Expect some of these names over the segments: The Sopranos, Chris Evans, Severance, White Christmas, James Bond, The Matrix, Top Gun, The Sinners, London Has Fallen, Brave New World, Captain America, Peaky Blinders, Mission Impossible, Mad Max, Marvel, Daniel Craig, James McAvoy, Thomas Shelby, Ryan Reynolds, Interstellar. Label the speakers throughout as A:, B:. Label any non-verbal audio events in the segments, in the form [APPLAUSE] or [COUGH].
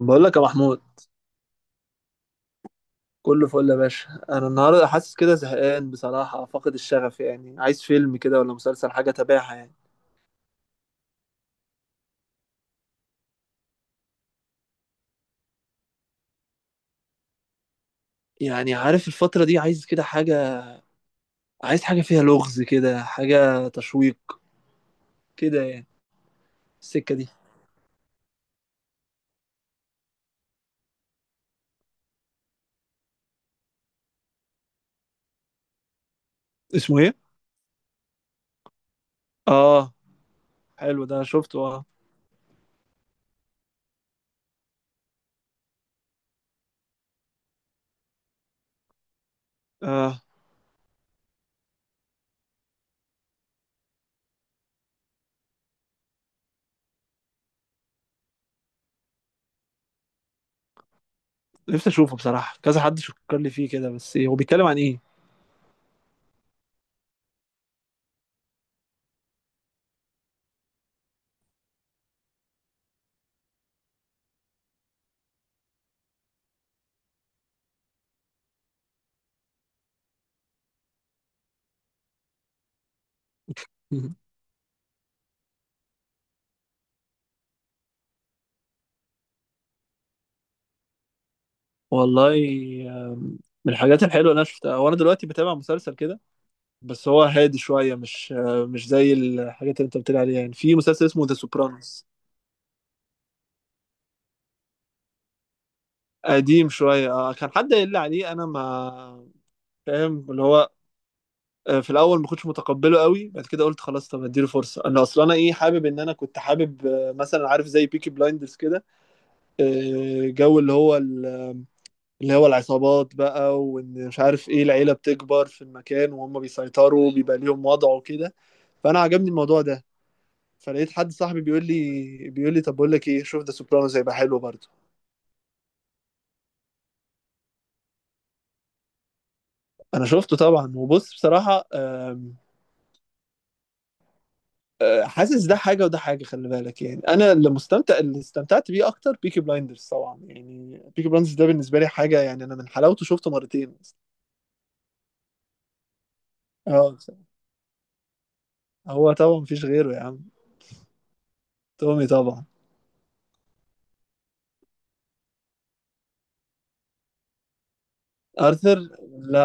A: بقول لك يا محمود، كله فل يا باشا. انا النهارده حاسس كده زهقان بصراحه، فاقد الشغف يعني. عايز فيلم كده ولا مسلسل، حاجه اتابعها يعني. يعني عارف الفتره دي عايز كده حاجه، عايز حاجه فيها لغز كده، حاجه تشويق كده يعني. السكه دي. اسمه ايه؟ اه، حلو، ده شفته، اه اه. نفسي اشوفه بصراحه، كذا حد شكر لي فيه كده، بس إيه، هو بيتكلم عن ايه؟ [LAUGHS] والله، آم، من الحاجات الحلوه اللي انا شفتها وانا دلوقتي بتابع مسلسل كده، بس هو هادي شوية، مش زي الحاجات اللي انت بتقول عليها. يعني في مسلسل اسمه ذا سوبرانوس. قديم شوية، كان حد قايل لي عليه، انا ما فاهم اللي هو. في الاول ما كنتش متقبله قوي، بعد كده قلت خلاص طب اديله فرصة. انا اصلا انا ايه، حابب ان انا كنت حابب مثلا، عارف زي بيكي بلايندرز كده، جو اللي هو العصابات بقى، وان مش عارف ايه، العيلة بتكبر في المكان وهم بيسيطروا بيبقى ليهم وضع وكده. فانا عجبني الموضوع ده، فلقيت حد صاحبي بيقول لي طب بقول لك ايه، شوف ذا سوبرانوز هيبقى حلو برضه. انا شفته طبعا، وبص بصراحه، آم، آه، حاسس ده حاجه وده حاجه، خلي بالك يعني. انا اللي مستمتع، اللي استمتعت بيه اكتر بيكي بلايندرز طبعا. يعني بيكي بلايندرز ده بالنسبه لي حاجه، يعني انا من حلاوته شفته مرتين. اه بصراحة، هو طبعا مفيش غيره يا عم. تومي طبعا. ارثر؟ لا،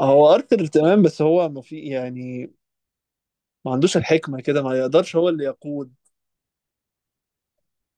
A: هو ارثر تمام بس هو ما في يعني، ما عندوش الحكمه كده، ما يقدرش هو اللي يقود.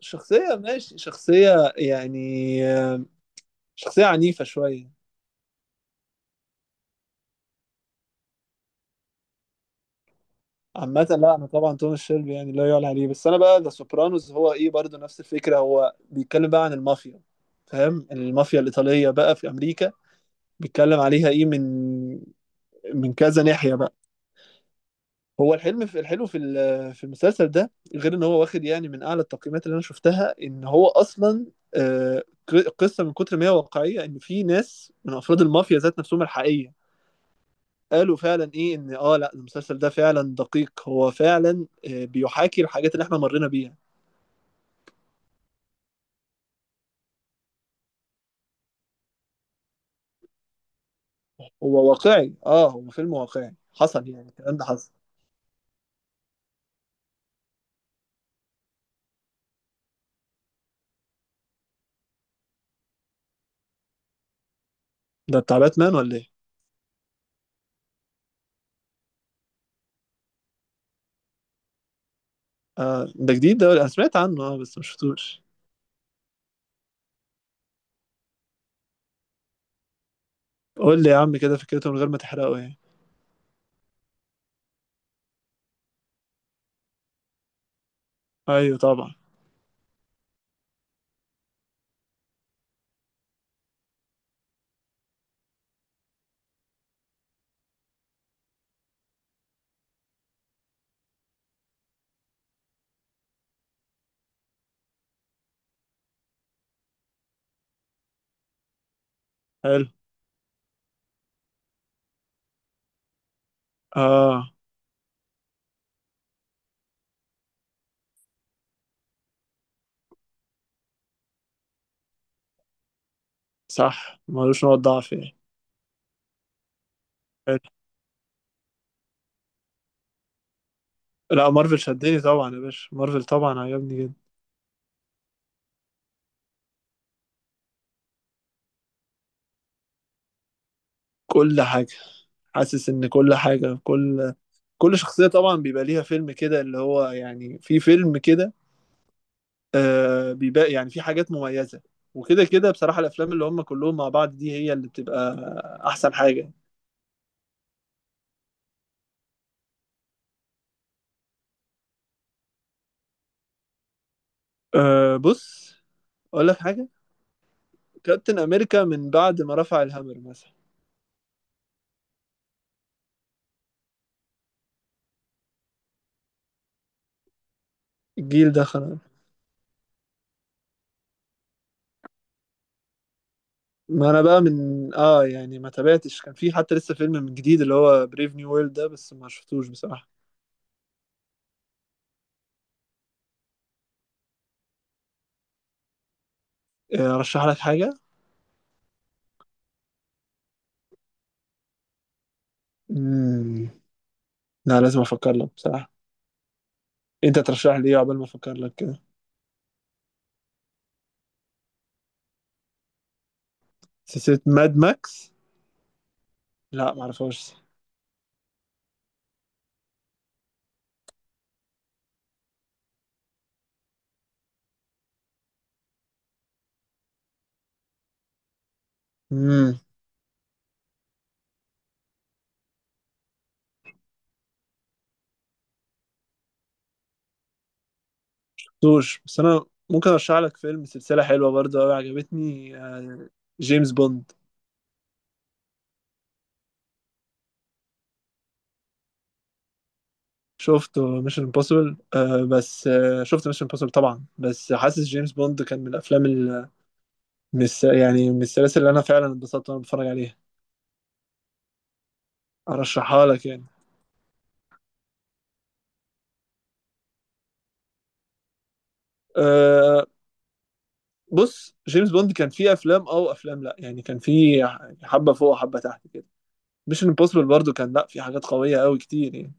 A: شخصيه ماشي، شخصيه يعني، آه، شخصية عنيفة شوية. عامة لا، أنا طبعا توماس شيلبي يعني لا يعلى عليه. بس أنا بقى ذا سوبرانوز هو إيه، برضه نفس الفكرة. هو بيتكلم بقى عن المافيا، فاهم، المافيا الإيطالية بقى في أمريكا. بيتكلم عليها إيه، من كذا ناحية بقى. هو الحلم في الحلو في المسلسل ده، غير إن هو واخد يعني من أعلى التقييمات اللي أنا شفتها. إن هو أصلا قصة من كتر ما هي واقعية، إن في ناس من أفراد المافيا ذات نفسهم الحقيقية قالوا فعلا ايه ان اه لا، المسلسل ده فعلا دقيق، هو فعلا بيحاكي الحاجات اللي احنا مرينا بيها. هو واقعي، اه هو فيلم واقعي حصل، يعني الكلام ده حصل. ده بتاع باتمان ولا ايه؟ آه، ده جديد ده ولا إيه؟ انا سمعت عنه اه بس ما شفتوش. قول لي يا عم كده فكرته من غير ما تحرقه يعني. ايوه طبعا. حلو. اه. صح، ملوش نقط ضعف يعني. حلو. لا، مارفل شدني طبعا يا باشا، مارفل طبعا عجبني جدا. كل حاجة، حاسس ان كل حاجة، كل شخصية طبعًا بيبقى ليها فيلم كده، اللي هو يعني في فيلم كده، بيبقى يعني في حاجات مميزة، وكده كده، بصراحة الأفلام اللي هم كلّهم مع بعض دي هي اللي بتبقى أحسن حاجة. بُص، أقول لك حاجة، كابتن أمريكا من بعد ما رفع الهامر مثلًا، الجيل ده خلا. ما أنا بقى من يعني ما تابعتش، كان في حتى لسه فيلم من جديد اللي هو brave new world ده، بس ما شفتوش بصراحة. أرشّح لك حاجة؟ إمم، لأ لازم أفكّر لك بصراحة. أنت ترشّح لي إيه عقبال ما أفكّر لك كده؟ سلسلة ماد ماكس؟ لا معرفهاش. امم، دوش بس انا ممكن ارشح لك فيلم، سلسلة حلوة برضه قوي عجبتني، جيمس بوند. شفت ميشن امبوسيبل آه بس آه، شفت ميشن امبوسيبل طبعا، بس حاسس جيمس بوند كان من الافلام يعني من السلاسل اللي انا فعلا اتبسطت وانا بتفرج عليها. ارشحها لك يعني. آه، بص، جيمس بوند كان فيه افلام او افلام، لا يعني كان فيه حبة فوق وحبة تحت كده. ميشن امبوسيبل برضه كان لا، في حاجات قوية قوي كتير يعني.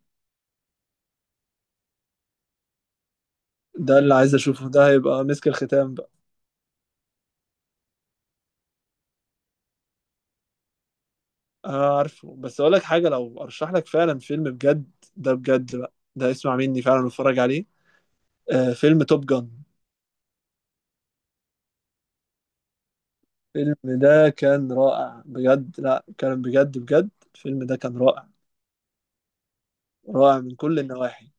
A: ده اللي عايز اشوفه، ده هيبقى مسك الختام بقى. آه عارفه، بس اقول لك حاجه، لو ارشح لك فعلا فيلم بجد، ده بجد بقى ده، اسمع مني فعلا واتفرج عليه، آه، فيلم توب جان. الفيلم ده كان رائع بجد، لا كان بجد بجد، الفيلم ده كان رائع، رائع من كل النواحي.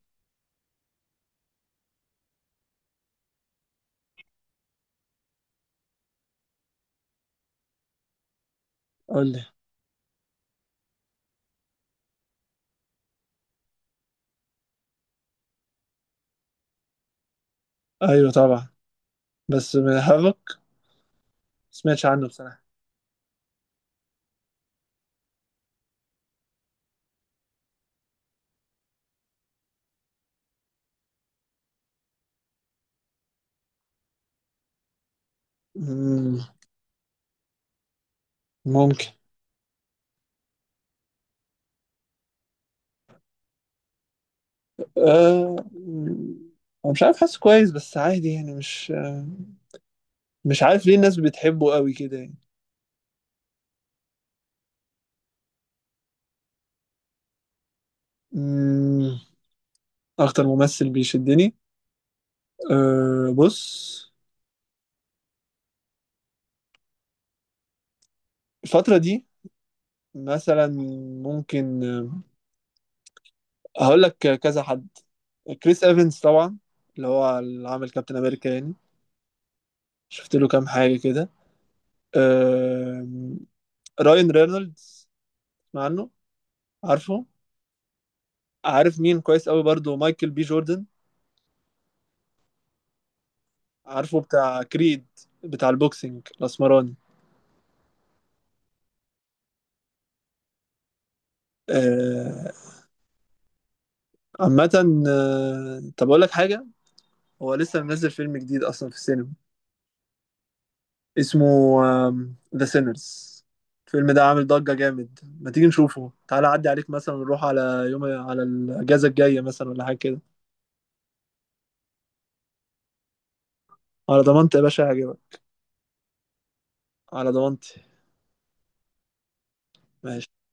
A: قول لي. ايوه طبعا، بس من هافك ما سمعتش عنه بصراحه. مم، ممكن. آه مم، أنا مش عارف، حاسه كويس بس عادي يعني، مش مش عارف ليه الناس بتحبه قوي كده يعني. مم، اكتر ممثل بيشدني، أه بص، الفترة دي مثلا، ممكن هقول لك كذا حد. كريس ايفنز طبعا، اللي هو اللي عامل كابتن امريكا يعني، شفت له كام حاجة كده. أه، راين رينولدز، اسمع عنه، عارفه. عارف مين كويس قوي برضو؟ مايكل بي جوردن، عارفه، بتاع كريد، بتاع البوكسينج الاسمراني. آه، عامة طب أقول لك حاجة، هو لسه منزل فيلم جديد أصلا في السينما، اسمه ذا سينرز. الفيلم ده عامل ضجة جامد، ما تيجي نشوفه، تعالى عدي عليك مثلا، نروح على يوم على الأجازة الجاية مثلا ولا حاجة كده. على ضمانتي يا باشا هجيبك. على ضمانتي. ماشي.